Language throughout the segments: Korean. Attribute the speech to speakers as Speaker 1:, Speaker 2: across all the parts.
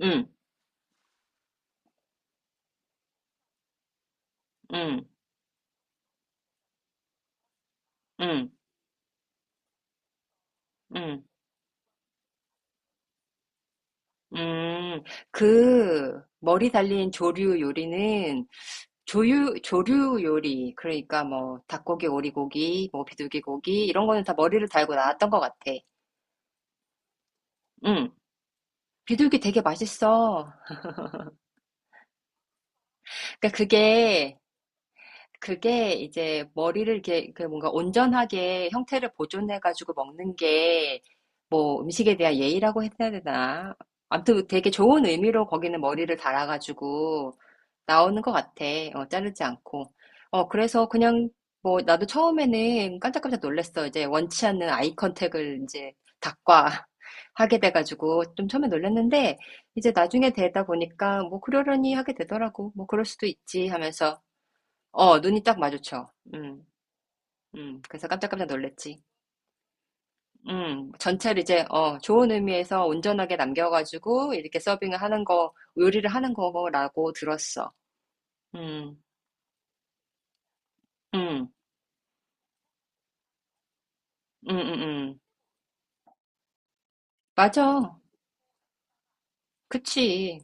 Speaker 1: 응, 응, 응, 응, 음. 그 머리 달린 조류 요리는 조류 요리 그러니까 뭐 닭고기, 오리고기, 뭐 비둘기 고기 이런 거는 다 머리를 달고 나왔던 것 같아. 응, 비둘기 되게 맛있어. 그러니까 그게 이제 머리를 이렇게 그 뭔가 온전하게 형태를 보존해가지고 먹는 게 뭐 음식에 대한 예의라고 해야 되나? 아무튼 되게 좋은 의미로 거기는 머리를 달아가지고 나오는 것 같아. 어, 자르지 않고. 어, 그래서 그냥 뭐 나도 처음에는 깜짝깜짝 놀랐어. 이제 원치 않는 아이 컨택을 이제 닭과 하게 돼가지고 좀 처음에 놀랐는데 이제 나중에 되다 보니까 뭐 그러려니 하게 되더라고. 뭐 그럴 수도 있지 하면서 어, 눈이 딱 마주쳐. 그래서 깜짝깜짝 놀랬지. 전체를 이제, 어, 좋은 의미에서 온전하게 남겨가지고, 이렇게 서빙을 하는 거, 요리를 하는 거라고 들었어. 음, 음, 음, 음, 음. 맞아. 그치.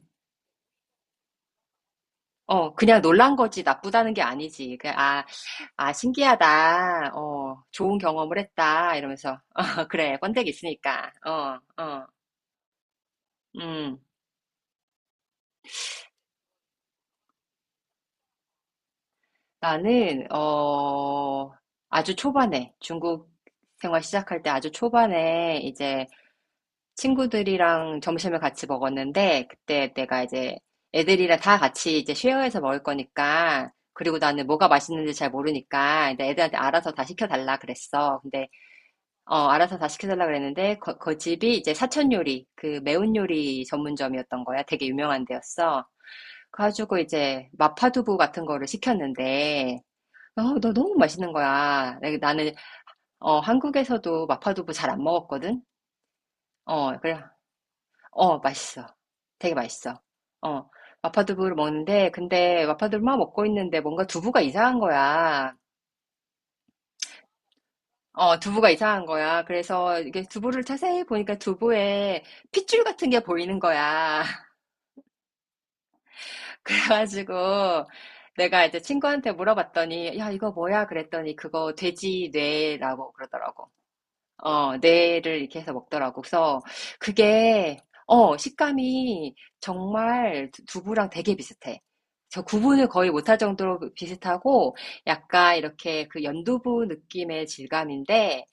Speaker 1: 어, 그냥 놀란 거지. 나쁘다는 게 아니지. 그냥, 아, 아, 신기하다. 어, 좋은 경험을 했다. 이러면서, 어, 그래. 번데기 있으니까. 어, 어, 음. 나는 아주 초반에 중국 생활 시작할 때 아주 초반에 이제 친구들이랑 점심을 같이 먹었는데 그때 내가 이제 애들이랑 다 같이 이제 쉐어해서 먹을 거니까 그리고 나는 뭐가 맛있는지 잘 모르니까 이제 애들한테 알아서 다 시켜달라 그랬어. 근데 알아서 다 시켜달라 그랬는데 그 집이 이제 사천 요리 그 매운 요리 전문점이었던 거야. 되게 유명한 데였어. 그래가지고 이제 마파두부 같은 거를 시켰는데 어, 너 너무 맛있는 거야. 나는 어, 한국에서도 마파두부 잘 안 먹었거든. 어, 그래. 어, 맛있어. 되게 맛있어. 어, 마파두부를 먹는데 근데 마파두부만 먹고 있는데 뭔가 두부가 이상한 거야. 어, 두부가 이상한 거야. 그래서 이게 두부를 자세히 보니까 두부에 핏줄 같은 게 보이는 거야. 그래가지고 내가 이제 친구한테 물어봤더니 야, 이거 뭐야? 그랬더니 그거 돼지 뇌라고 그러더라고. 어, 뇌를 이렇게 해서 먹더라고. 그래서 그게, 어, 식감이 정말 두부랑 되게 비슷해. 저 구분을 거의 못할 정도로 비슷하고, 약간 이렇게 그 연두부 느낌의 질감인데,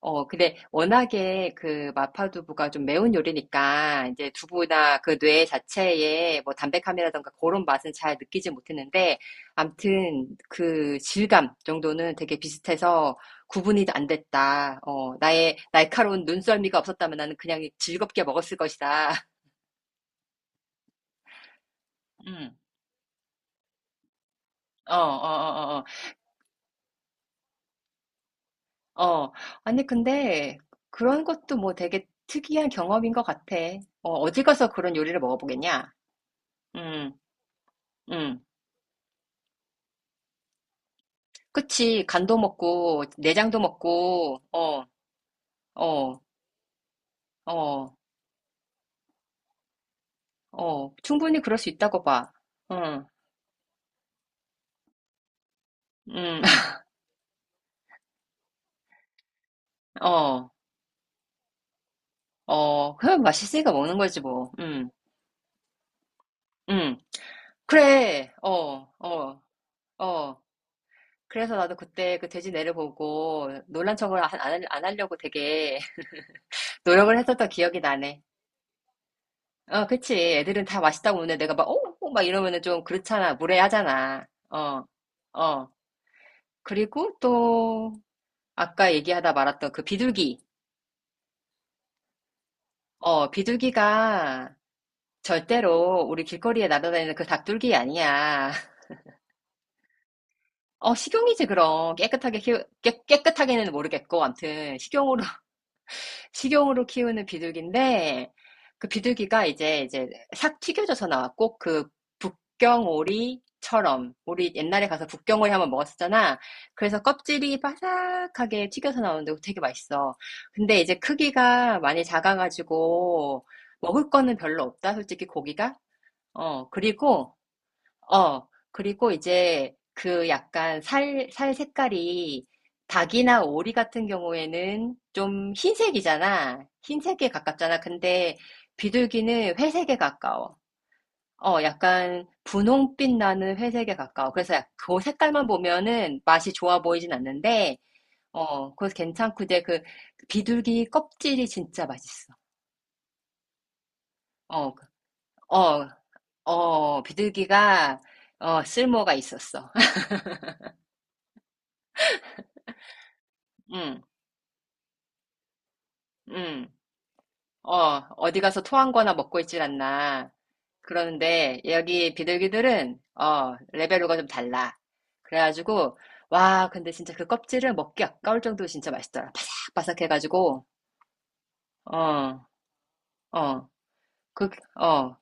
Speaker 1: 어, 근데 워낙에 그 마파두부가 좀 매운 요리니까, 이제 두부나 그 뇌 자체에 뭐 담백함이라던가 그런 맛은 잘 느끼지 못했는데, 암튼 그 질감 정도는 되게 비슷해서, 구분이 안 됐다. 어, 나의 날카로운 눈썰미가 없었다면 나는 그냥 즐겁게 먹었을 것이다. 음. 어, 어, 어, 어, 어. 어. 아니, 근데 그런 것도 뭐 되게 특이한 경험인 것 같아. 어, 어디 가서 그런 요리를 먹어보겠냐? 음, 음. 그치. 간도 먹고, 내장도 먹고, 어, 어, 어, 어. 충분히 그럴 수 있다고 봐. 응 응. 어, 어. 그냥 맛있으니까 먹는 거지, 뭐. 음. 그래. 어. 어. 어. 그래서 나도 그때 그 돼지 내를 보고 놀란 척을 안 하려고 되게 노력을 했었던 기억이 나네. 어, 그치. 애들은 다 맛있다고 오는데 내가 막, 어? 어, 막 이러면은 좀 그렇잖아. 무례하잖아. 어. 어. 그리고 또 아까 얘기하다 말았던 그 비둘기. 어, 비둘기가 절대로 우리 길거리에 날아다니는 그 닭둘기 아니야. 어, 식용이지, 그럼. 깨끗하게는 모르겠고, 암튼, 식용으로 키우는 비둘기인데 그 비둘기가 이제 싹 튀겨져서 나왔고 그 북경오리처럼 우리 옛날에 가서 북경오리 한번 먹었었잖아. 그래서 껍질이 바삭하게 튀겨서 나오는데 되게 맛있어. 근데 이제 크기가 많이 작아가지고 먹을 거는 별로 없다. 솔직히 고기가. 어, 그리고 어, 그리고 이제 그 약간 살 색깔이 닭이나 오리 같은 경우에는 좀 흰색이잖아. 흰색에 가깝잖아. 근데 비둘기는 회색에 가까워. 어, 약간 분홍빛 나는 회색에 가까워. 그래서 그 색깔만 보면은 맛이 좋아 보이진 않는데, 어, 그래서 괜찮고, 근데 그 비둘기 껍질이 진짜 맛있어. 어, 그- 어, 비둘기가 쓸모가 있었어. 응, 응. 어, 어디 가서 토한 거나 먹고 있질 않나. 그러는데 여기 비둘기들은 레벨로가 좀 달라. 그래가지고 와, 근데 진짜 그 껍질을 먹기 아까울 정도로 진짜 맛있더라. 바삭바삭해가지고 어, 어, 그, 어,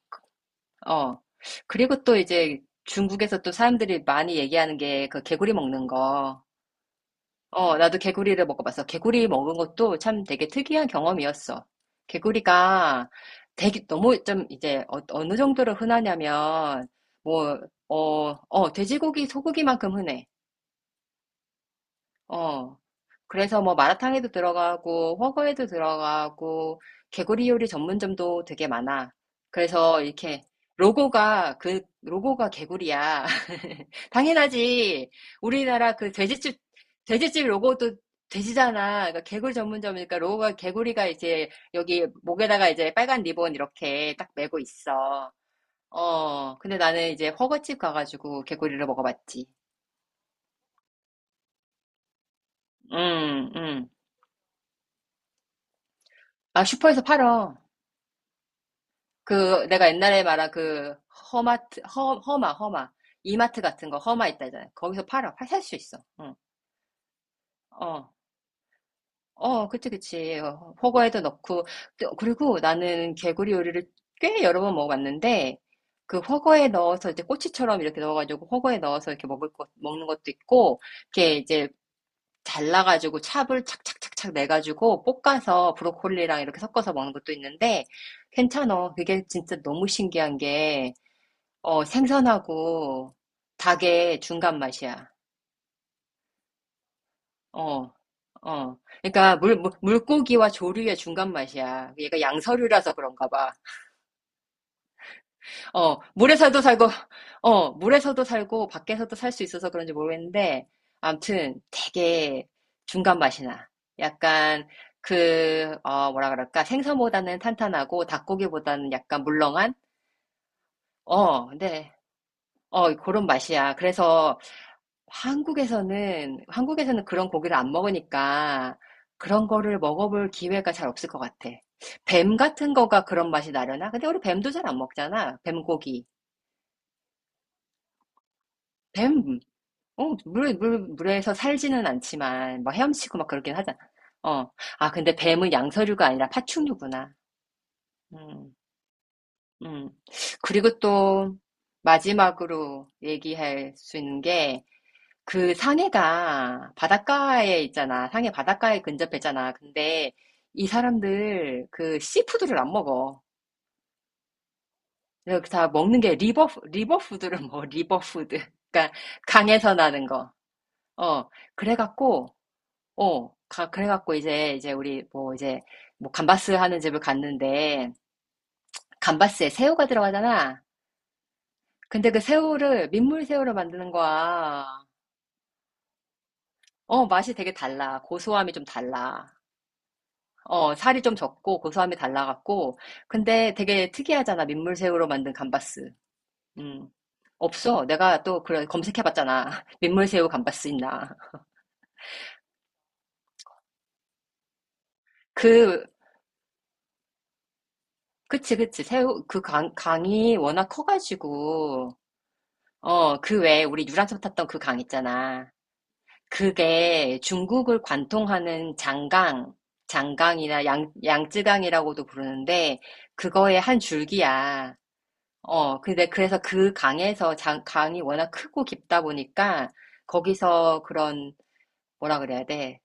Speaker 1: 어. 그리고 또 이제 중국에서 또 사람들이 많이 얘기하는 게 그 개구리 먹는 거. 어, 나도 개구리를 먹어봤어. 개구리 먹은 것도 참 되게 특이한 경험이었어. 개구리가 되게 너무 좀 이제 어느 정도로 흔하냐면, 뭐, 돼지고기, 소고기만큼 흔해. 어, 그래서 뭐 마라탕에도 들어가고 훠궈에도 들어가고 개구리 요리 전문점도 되게 많아. 그래서 이렇게 로고가 개구리야. 당연하지. 우리나라 그 돼지집 로고도 돼지잖아. 그러니까 개구리 전문점이니까 로고가 개구리가 이제 여기 목에다가 이제 빨간 리본 이렇게 딱 메고 있어. 어. 근데 나는 이제 훠궈집 가가지고 개구리를 먹어봤지. 음, 음. 아, 슈퍼에서 팔어. 그 내가 옛날에 말한 그 허마 이마트 같은 거 허마 있다잖아요. 거기서 팔아 팔 살 수 있어. 응. 어. 어, 그치, 그치. 어, 호거에도 넣고. 그리고 나는 개구리 요리를 꽤 여러 번 먹어봤는데, 그 허거에 넣어서 이제 꼬치처럼 이렇게 넣어가지고 허거에 넣어서 이렇게 먹는 것도 있고, 이렇게 이제 잘라가지고 찹을 착착착착 내가지고 볶아서 브로콜리랑 이렇게 섞어서 먹는 것도 있는데, 괜찮아. 그게 진짜 너무 신기한 게, 어, 생선하고 닭의 중간 맛이야. 어, 어. 그러니까 물고기와 조류의 중간 맛이야. 얘가 양서류라서 그런가 봐. 어, 물에서도 살고, 물에서도 살고, 밖에서도 살 수 있어서 그런지 모르겠는데, 암튼 되게 중간 맛이 나. 약간 뭐라 그럴까? 생선보다는 탄탄하고 닭고기보다는 약간 물렁한? 어, 근데, 그런 맛이야. 그래서 한국에서는 그런 고기를 안 먹으니까 그런 거를 먹어볼 기회가 잘 없을 것 같아. 뱀 같은 거가 그런 맛이 나려나? 근데 우리 뱀도 잘 안 먹잖아. 뱀고기. 뱀. 어, 물에서 살지는 않지만, 막 헤엄치고 막 그러긴 하잖아. 어. 아, 근데 뱀은 양서류가 아니라 파충류구나. 음, 음. 그리고 또, 마지막으로 얘기할 수 있는 게, 그 상해가 바닷가에 있잖아. 상해 바닷가에 근접했잖아. 근데 이 사람들 그 씨푸드를 안 먹어. 그래서 다 먹는 게 리버푸드를 먹어. 리버푸드. 그러니까 강에서 나는 거. 어. 그래갖고, 어. 그래갖고 이제, 우리 뭐 이제 뭐 감바스 하는 집을 갔는데 감바스에 새우가 들어가잖아. 근데 그 새우를 민물 새우로 만드는 거야. 어, 맛이 되게 달라. 고소함이 좀 달라. 어, 살이 좀 적고 고소함이 달라갖고. 근데 되게 특이하잖아. 민물새우로 만든 감바스. 음. 없어. 내가 또 그래 검색해봤잖아. 민물새우 감바스 있나. 그, 그치, 그치. 새우, 그 강이 워낙 커가지고. 어, 그 외에 우리 유람선 탔던 그 강 있잖아. 그게 중국을 관통하는 장강이나 양쯔강이라고도 부르는데, 그거의 한 줄기야. 어, 근데 그래서 그 강에서 강이 워낙 크고 깊다 보니까 거기서 그런 뭐라 그래야 돼?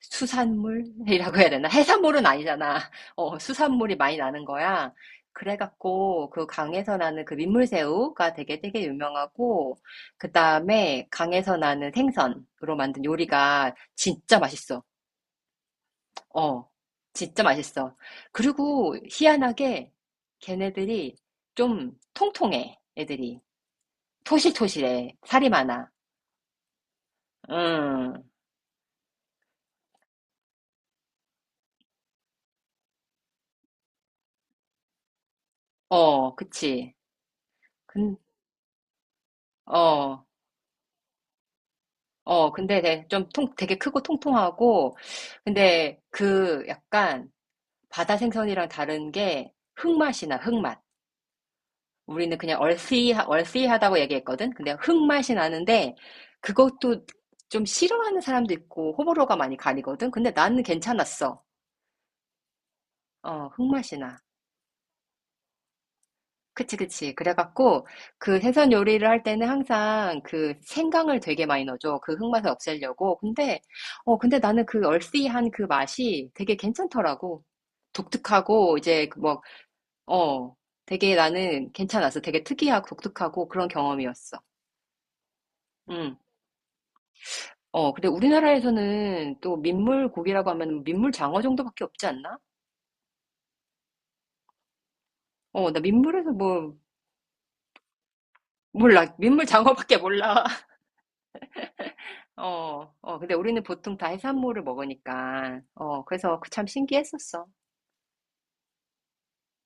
Speaker 1: 수산물이라고 해야 되나? 해산물은 아니잖아. 어, 수산물이 많이 나는 거야. 그래갖고 그 강에서 나는 그 민물새우가 되게 되게 유명하고 그다음에 강에서 나는 생선으로 만든 요리가 진짜 맛있어. 어, 진짜 맛있어. 그리고 희한하게 걔네들이 좀 통통해, 애들이. 토실토실해. 살이 많아. 응. 어, 그치. 근, 어, 근데 되게 크고 통통하고, 근데 그 약간 바다 생선이랑 다른 게 흙맛이 나, 흙맛. 우리는 그냥 얼씨하다고 얘기했거든? 근데 흙맛이 나는데, 그것도 좀 싫어하는 사람도 있고, 호불호가 많이 가리거든? 근데 나는 괜찮았어. 어, 흙맛이 나. 그치, 그치. 그래갖고, 그 해산 요리를 할 때는 항상 그 생강을 되게 많이 넣어줘. 그 흙맛을 없애려고. 근데 나는 그 얼씨한 그 맛이 되게 괜찮더라고. 독특하고, 이제, 그 뭐, 어, 되게 나는 괜찮았어. 되게 특이하고 독특하고 그런 경험이었어. 응. 어, 근데 우리나라에서는 또 민물 고기라고 하면 민물 장어 정도밖에 없지 않나? 어, 나 민물에서 뭐, 몰라. 민물 장어밖에 몰라. 어, 어, 근데 우리는 보통 다 해산물을 먹으니까, 그래서 그 참 신기했었어.